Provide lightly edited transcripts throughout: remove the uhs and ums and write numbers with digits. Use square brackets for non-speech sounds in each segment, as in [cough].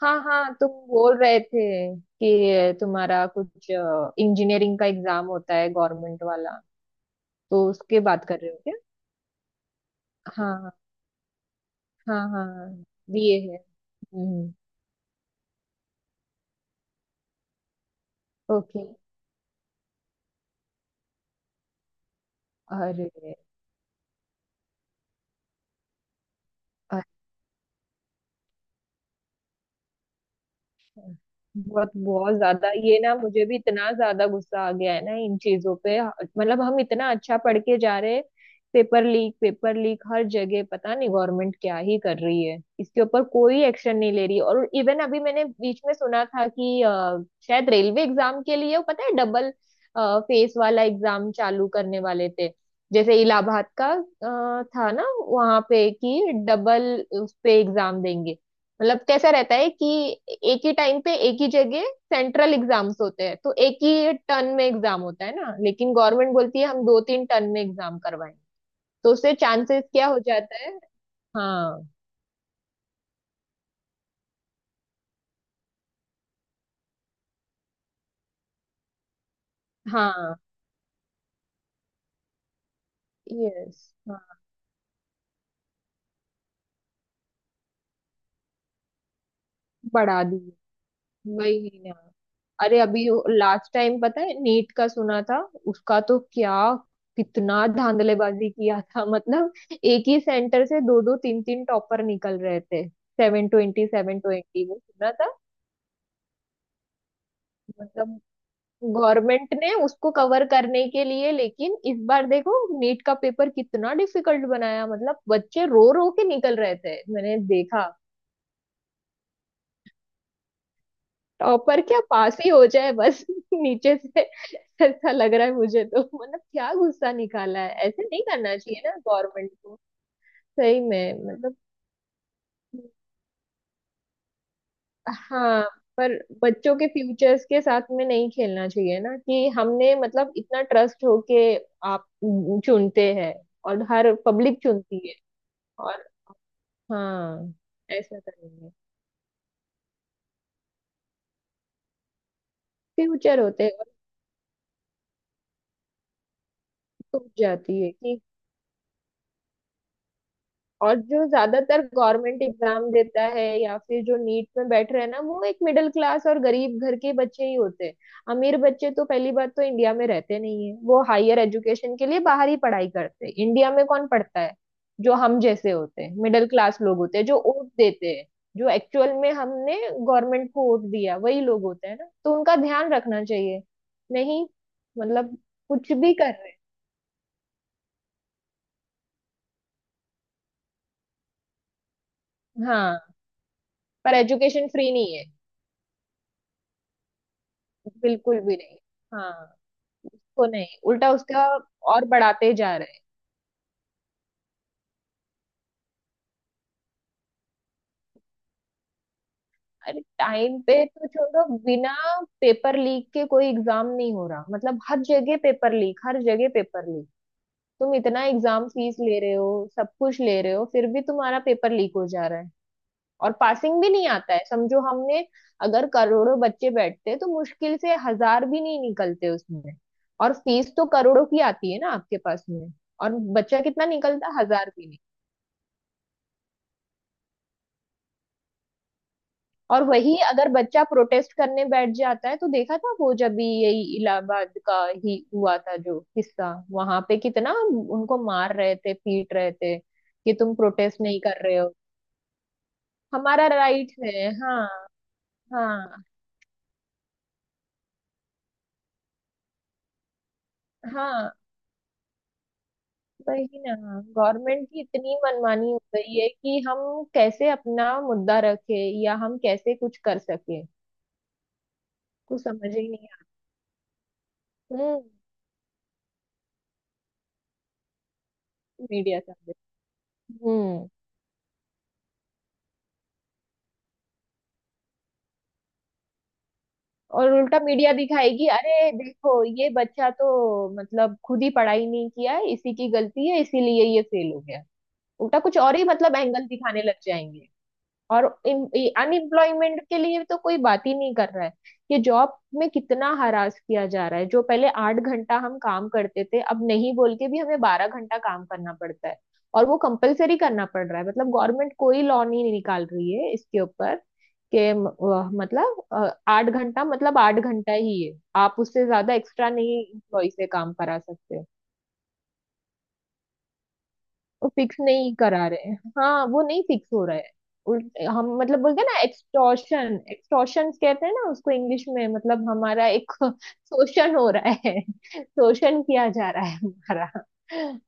हाँ हाँ तुम बोल रहे थे कि तुम्हारा कुछ इंजीनियरिंग का एग्जाम होता है गवर्नमेंट वाला। तो उसके बात कर रहे हो क्या? हाँ हाँ हाँ हाँ बीए है। हम्म। ओके। अरे बहुत बहुत ज्यादा ये ना मुझे भी इतना ज्यादा गुस्सा आ गया है ना इन चीजों पे। मतलब हम इतना अच्छा पढ़ के जा रहे हैं। पेपर लीक, पेपर लीक हर जगह। पता नहीं गवर्नमेंट क्या ही कर रही है, इसके ऊपर कोई एक्शन नहीं ले रही। और इवन अभी मैंने बीच में सुना था कि शायद रेलवे एग्जाम के लिए वो पता है डबल फेस वाला एग्जाम चालू करने वाले थे। जैसे इलाहाबाद का था ना वहां पे कि डबल उस पे एग्जाम देंगे। मतलब कैसा रहता है कि एक ही टाइम पे एक ही जगह सेंट्रल एग्जाम्स होते हैं तो एक ही टर्न में एग्जाम होता है ना। लेकिन गवर्नमेंट बोलती है हम दो तीन टर्न में एग्जाम करवाएंगे। तो उससे चांसेस क्या हो जाता है? हाँ। हाँ। यस। हाँ। बढ़ा दिए। वही ना। अरे अभी लास्ट टाइम पता है नीट का सुना था। उसका तो क्या कितना धांधलेबाजी किया था [laughs] मतलब एक ही सेंटर से दो दो तीन तीन टॉपर निकल रहे थे, 720, 720 वो सुना था। मतलब गवर्नमेंट ने उसको कवर करने के लिए लेकिन इस बार देखो नीट का पेपर कितना डिफिकल्ट बनाया। मतलब बच्चे रो रो के निकल रहे थे, मैंने देखा। टॉपर क्या, पास ही हो जाए बस [laughs] नीचे से। ऐसा लग रहा है मुझे तो। मतलब क्या गुस्सा निकाला है, ऐसे नहीं करना चाहिए ना गवर्नमेंट को। सही में मतलब। हाँ। पर बच्चों के फ्यूचर्स के साथ में नहीं खेलना चाहिए ना कि हमने मतलब इतना ट्रस्ट होके आप चुनते हैं, और हर पब्लिक चुनती है। और हाँ ऐसा करेंगे। फ्यूचर होते हैं। और टूट जाती है कि। और जो ज्यादातर गवर्नमेंट एग्जाम देता है या फिर जो नीट में बैठ रहे हैं ना, वो एक मिडिल क्लास और गरीब घर के बच्चे ही होते हैं। अमीर बच्चे तो पहली बात तो इंडिया में रहते नहीं है, वो हायर एजुकेशन के लिए बाहर ही पढ़ाई करते हैं। इंडिया में कौन पढ़ता है? जो हम जैसे होते हैं मिडिल क्लास लोग होते हैं, जो वोट देते हैं, जो एक्चुअल में हमने गवर्नमेंट को वोट दिया वही लोग होते हैं ना। तो उनका ध्यान रखना चाहिए। नहीं। मतलब कुछ भी कर रहे हैं। हाँ पर एजुकेशन फ्री नहीं है, बिल्कुल भी नहीं। हाँ को नहीं, उल्टा उसका और बढ़ाते जा रहे हैं। अरे टाइम पे तो छोड़ो, बिना पेपर लीक के कोई एग्जाम नहीं हो रहा। मतलब हर जगह पेपर लीक, हर जगह पेपर लीक। तुम इतना एग्जाम फीस ले रहे हो, सब कुछ ले रहे हो फिर भी तुम्हारा पेपर लीक हो जा रहा है। और पासिंग भी नहीं आता है। समझो हमने, अगर करोड़ों बच्चे बैठते तो मुश्किल से हजार भी नहीं निकलते उसमें। और फीस तो करोड़ों की आती है ना आपके पास में, और बच्चा कितना निकलता, हजार भी नहीं। और वही अगर बच्चा प्रोटेस्ट करने बैठ जाता है तो देखा था वो, जब भी यही इलाहाबाद का ही हुआ था जो किस्सा, वहां पे कितना उनको मार रहे थे पीट रहे थे कि तुम प्रोटेस्ट नहीं कर रहे हो। हमारा राइट है। हाँ। हाँ। हाँ। वही ना। गवर्नमेंट की इतनी मनमानी हो गई है कि हम कैसे अपना मुद्दा रखे या हम कैसे कुछ कर सके, कुछ समझ ही नहीं आता। हम्म। मीडिया का। हम्म। और उल्टा मीडिया दिखाएगी अरे देखो ये बच्चा तो मतलब खुद ही पढ़ाई नहीं किया है, इसी की गलती है इसीलिए ये फेल हो गया। उल्टा कुछ और ही मतलब एंगल दिखाने लग जाएंगे। और अनएम्प्लॉयमेंट के लिए तो कोई बात ही नहीं कर रहा है। ये जॉब में कितना हरास किया जा रहा है, जो पहले 8 घंटा हम काम करते थे अब नहीं बोल के भी हमें 12 घंटा काम करना पड़ता है। और वो कंपलसरी करना पड़ रहा है, मतलब गवर्नमेंट कोई लॉ नहीं निकाल रही है इसके ऊपर के मतलब 8 घंटा मतलब 8 घंटा ही है। आप उससे ज्यादा एक्स्ट्रा नहीं इम्प्लॉय से काम करा सकते। वो फिक्स नहीं करा रहे हैं, हाँ वो नहीं फिक्स हो रहा है। हम मतलब बोलते हैं ना एक्सटॉर्शन, एक्सटॉर्शन कहते हैं ना उसको इंग्लिश में। मतलब हमारा एक [laughs] शोषण हो रहा है। शोषण किया जा रहा है हमारा।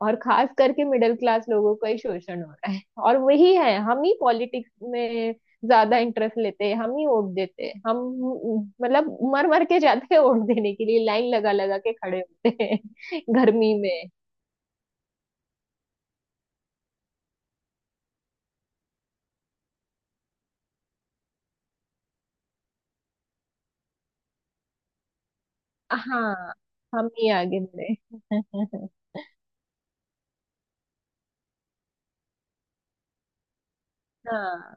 और खास करके मिडिल क्लास लोगों का ही शोषण हो रहा है। और वही है, हम ही पॉलिटिक्स में ज्यादा इंटरेस्ट लेते हैं, हम ही वोट देते हैं, हम मतलब मर मर के जाते हैं वोट देने के लिए, लाइन लगा लगा के खड़े होते हैं [laughs] गर्मी में। हाँ, हम ही आगे बढ़े [laughs] हाँ,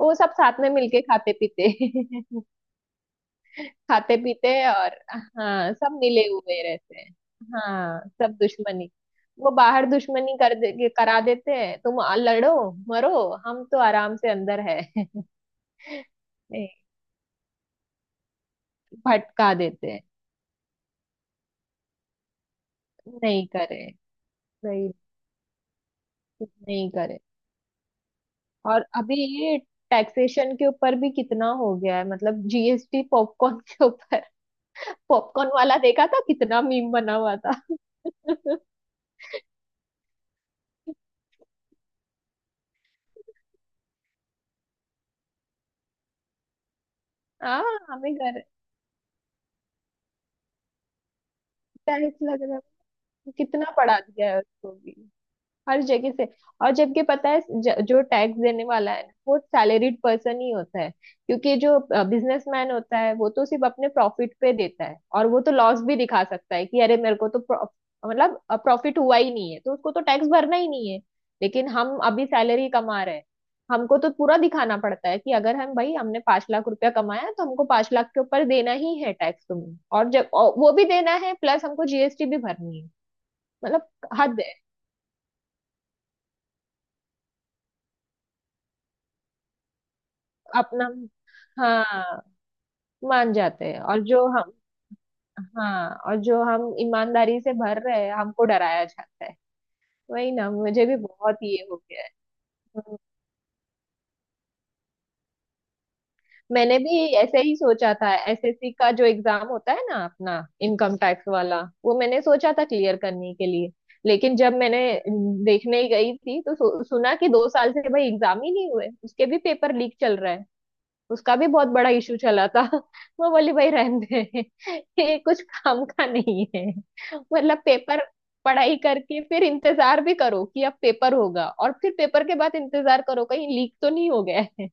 वो सब साथ में मिलके खाते पीते [laughs] खाते पीते, और हाँ सब मिले हुए रहते हैं। हाँ, सब दुश्मनी वो बाहर दुश्मनी कर दे करा देते हैं, तुम लड़ो, मरो, हम तो आराम से अंदर है [laughs] नहीं। भटका देते हैं। नहीं करे। नहीं। कुछ नहीं करे। और अभी ये टैक्सेशन के ऊपर भी कितना हो गया है। मतलब जीएसटी पॉपकॉर्न के ऊपर, पॉपकॉर्न वाला देखा था कितना मीम बना हुआ था [laughs] हाँ हमें घर टाइल्स लग रहा है, कितना पढ़ा दिया है उसको भी, हर जगह से। और जबकि पता है जो टैक्स देने वाला है ना, वो सैलरीड पर्सन ही होता है। क्योंकि जो बिजनेसमैन होता है वो तो सिर्फ अपने प्रॉफिट पे देता है, और वो तो लॉस भी दिखा सकता है कि अरे मेरे को तो मतलब प्रॉफिट हुआ ही नहीं है, तो उसको तो टैक्स भरना ही नहीं है। लेकिन हम अभी सैलरी कमा रहे हैं, हमको तो पूरा दिखाना पड़ता है कि अगर हम भाई हमने 5 लाख रुपया कमाया तो हमको 5 लाख के ऊपर देना ही है टैक्स तुम्हें, और जब और वो भी देना है, प्लस हमको जीएसटी भी भरनी है। मतलब हद। अपना, हाँ। मान जाते हैं और जो हम, हाँ और जो हम ईमानदारी से भर रहे हैं हमको डराया जाता है। वही ना मुझे भी बहुत ये हो गया है। हम्म, मैंने भी ऐसे ही सोचा था एसएससी का जो एग्जाम होता है ना अपना, इनकम टैक्स वाला, वो मैंने सोचा था क्लियर करने के लिए। लेकिन जब मैंने देखने गई थी तो सुना कि 2 साल से भाई एग्जाम ही नहीं हुए, उसके भी पेपर लीक चल रहा है, उसका भी बहुत बड़ा इशू चला था [laughs] वो बोली भाई रहने दे [laughs] ये कुछ काम का नहीं है। मतलब पेपर पढ़ाई करके फिर इंतजार भी करो कि अब पेपर होगा, और फिर पेपर के बाद इंतजार करो कहीं लीक तो नहीं हो गया है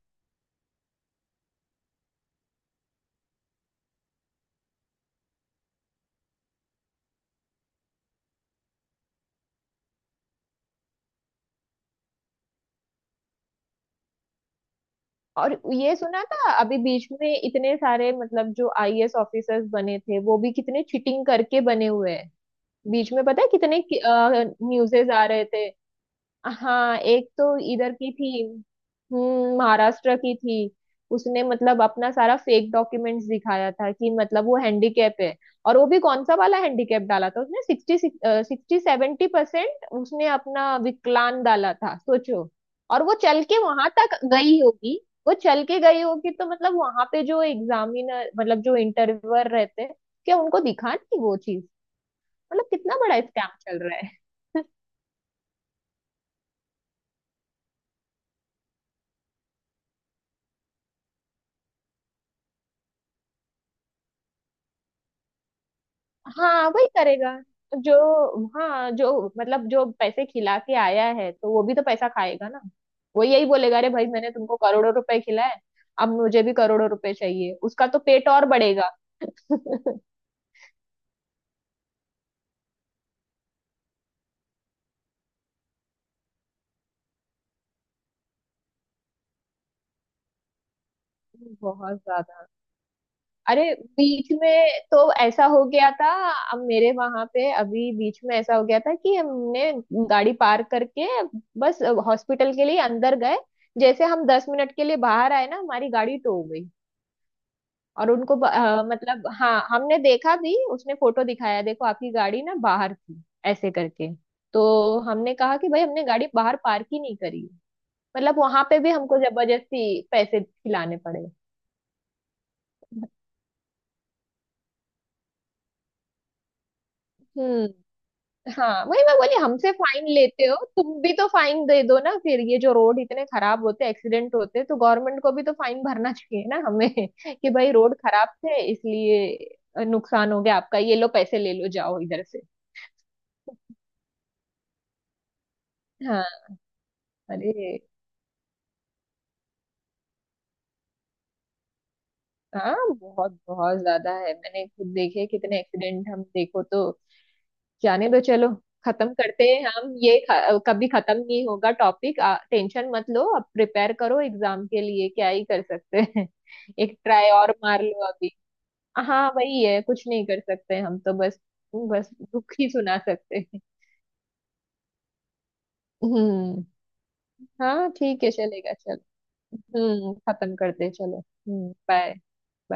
[laughs] और ये सुना था अभी बीच में इतने सारे मतलब जो आईएएस ऑफिसर्स बने थे वो भी कितने चीटिंग करके बने हुए हैं। बीच में पता है कितने न्यूज़ेस आ रहे थे। हाँ एक तो इधर की थी। हम्म, महाराष्ट्र की थी। उसने मतलब अपना सारा फेक डॉक्यूमेंट्स दिखाया था कि मतलब वो हैंडीकैप है। और वो भी कौन सा वाला हैंडीकैप डाला था उसने, 60 60 70% उसने अपना विकलांग डाला था, सोचो। और वो चल के वहां तक गई होगी। वो चल के गई होगी तो मतलब वहां पे जो एग्जामिनर मतलब जो इंटरव्यूअर रहते हैं, क्या उनको दिखा नहीं वो चीज? मतलब कितना बड़ा स्कैम चल रहा। हाँ वही करेगा। जो, हाँ, जो मतलब जो पैसे खिला के आया है तो वो भी तो पैसा खाएगा ना। वो यही बोलेगा अरे भाई मैंने तुमको करोड़ों रुपए खिलाए, अब मुझे भी करोड़ों रुपए चाहिए, उसका तो पेट और बढ़ेगा [laughs] बहुत ज्यादा। अरे बीच में तो ऐसा हो गया था। अब मेरे वहां पे अभी बीच में ऐसा हो गया था कि हमने गाड़ी पार्क करके बस हॉस्पिटल के लिए अंदर गए। जैसे हम 10 मिनट के लिए बाहर आए ना हमारी गाड़ी टो हो गई। और उनको मतलब हाँ हमने देखा भी, उसने फोटो दिखाया देखो आपकी गाड़ी ना बाहर थी ऐसे करके। तो हमने कहा कि भाई हमने गाड़ी बाहर पार्क ही नहीं करी। मतलब वहां पे भी हमको जबरदस्ती पैसे खिलाने पड़े। हम्म। हाँ वही मैं बोली हमसे फाइन लेते हो, तुम भी तो फाइन दे दो ना, फिर ये जो रोड इतने खराब होते एक्सीडेंट होते तो गवर्नमेंट को भी तो फाइन भरना [laughs] चाहिए ना हमें [laughs] कि भाई रोड खराब थे इसलिए नुकसान हो गया आपका, ये लो पैसे ले लो जाओ इधर से। हाँ। अरे हाँ बहुत बहुत ज्यादा है, मैंने खुद देखे कितने एक्सीडेंट हम देखो तो। जाने दो, चलो खत्म करते हैं हम, ये कभी खत्म नहीं होगा टॉपिक। टेंशन मत लो, अब प्रिपेयर करो एग्जाम के लिए, क्या ही कर सकते हैं [laughs] एक ट्राई और मार लो अभी। हाँ वही है, कुछ नहीं कर सकते हम तो बस, बस दुख ही सुना सकते हैं। हम्म। हाँ ठीक है चलेगा चलो। हम्म, खत्म करते हैं, चलो, हम्म, बाय।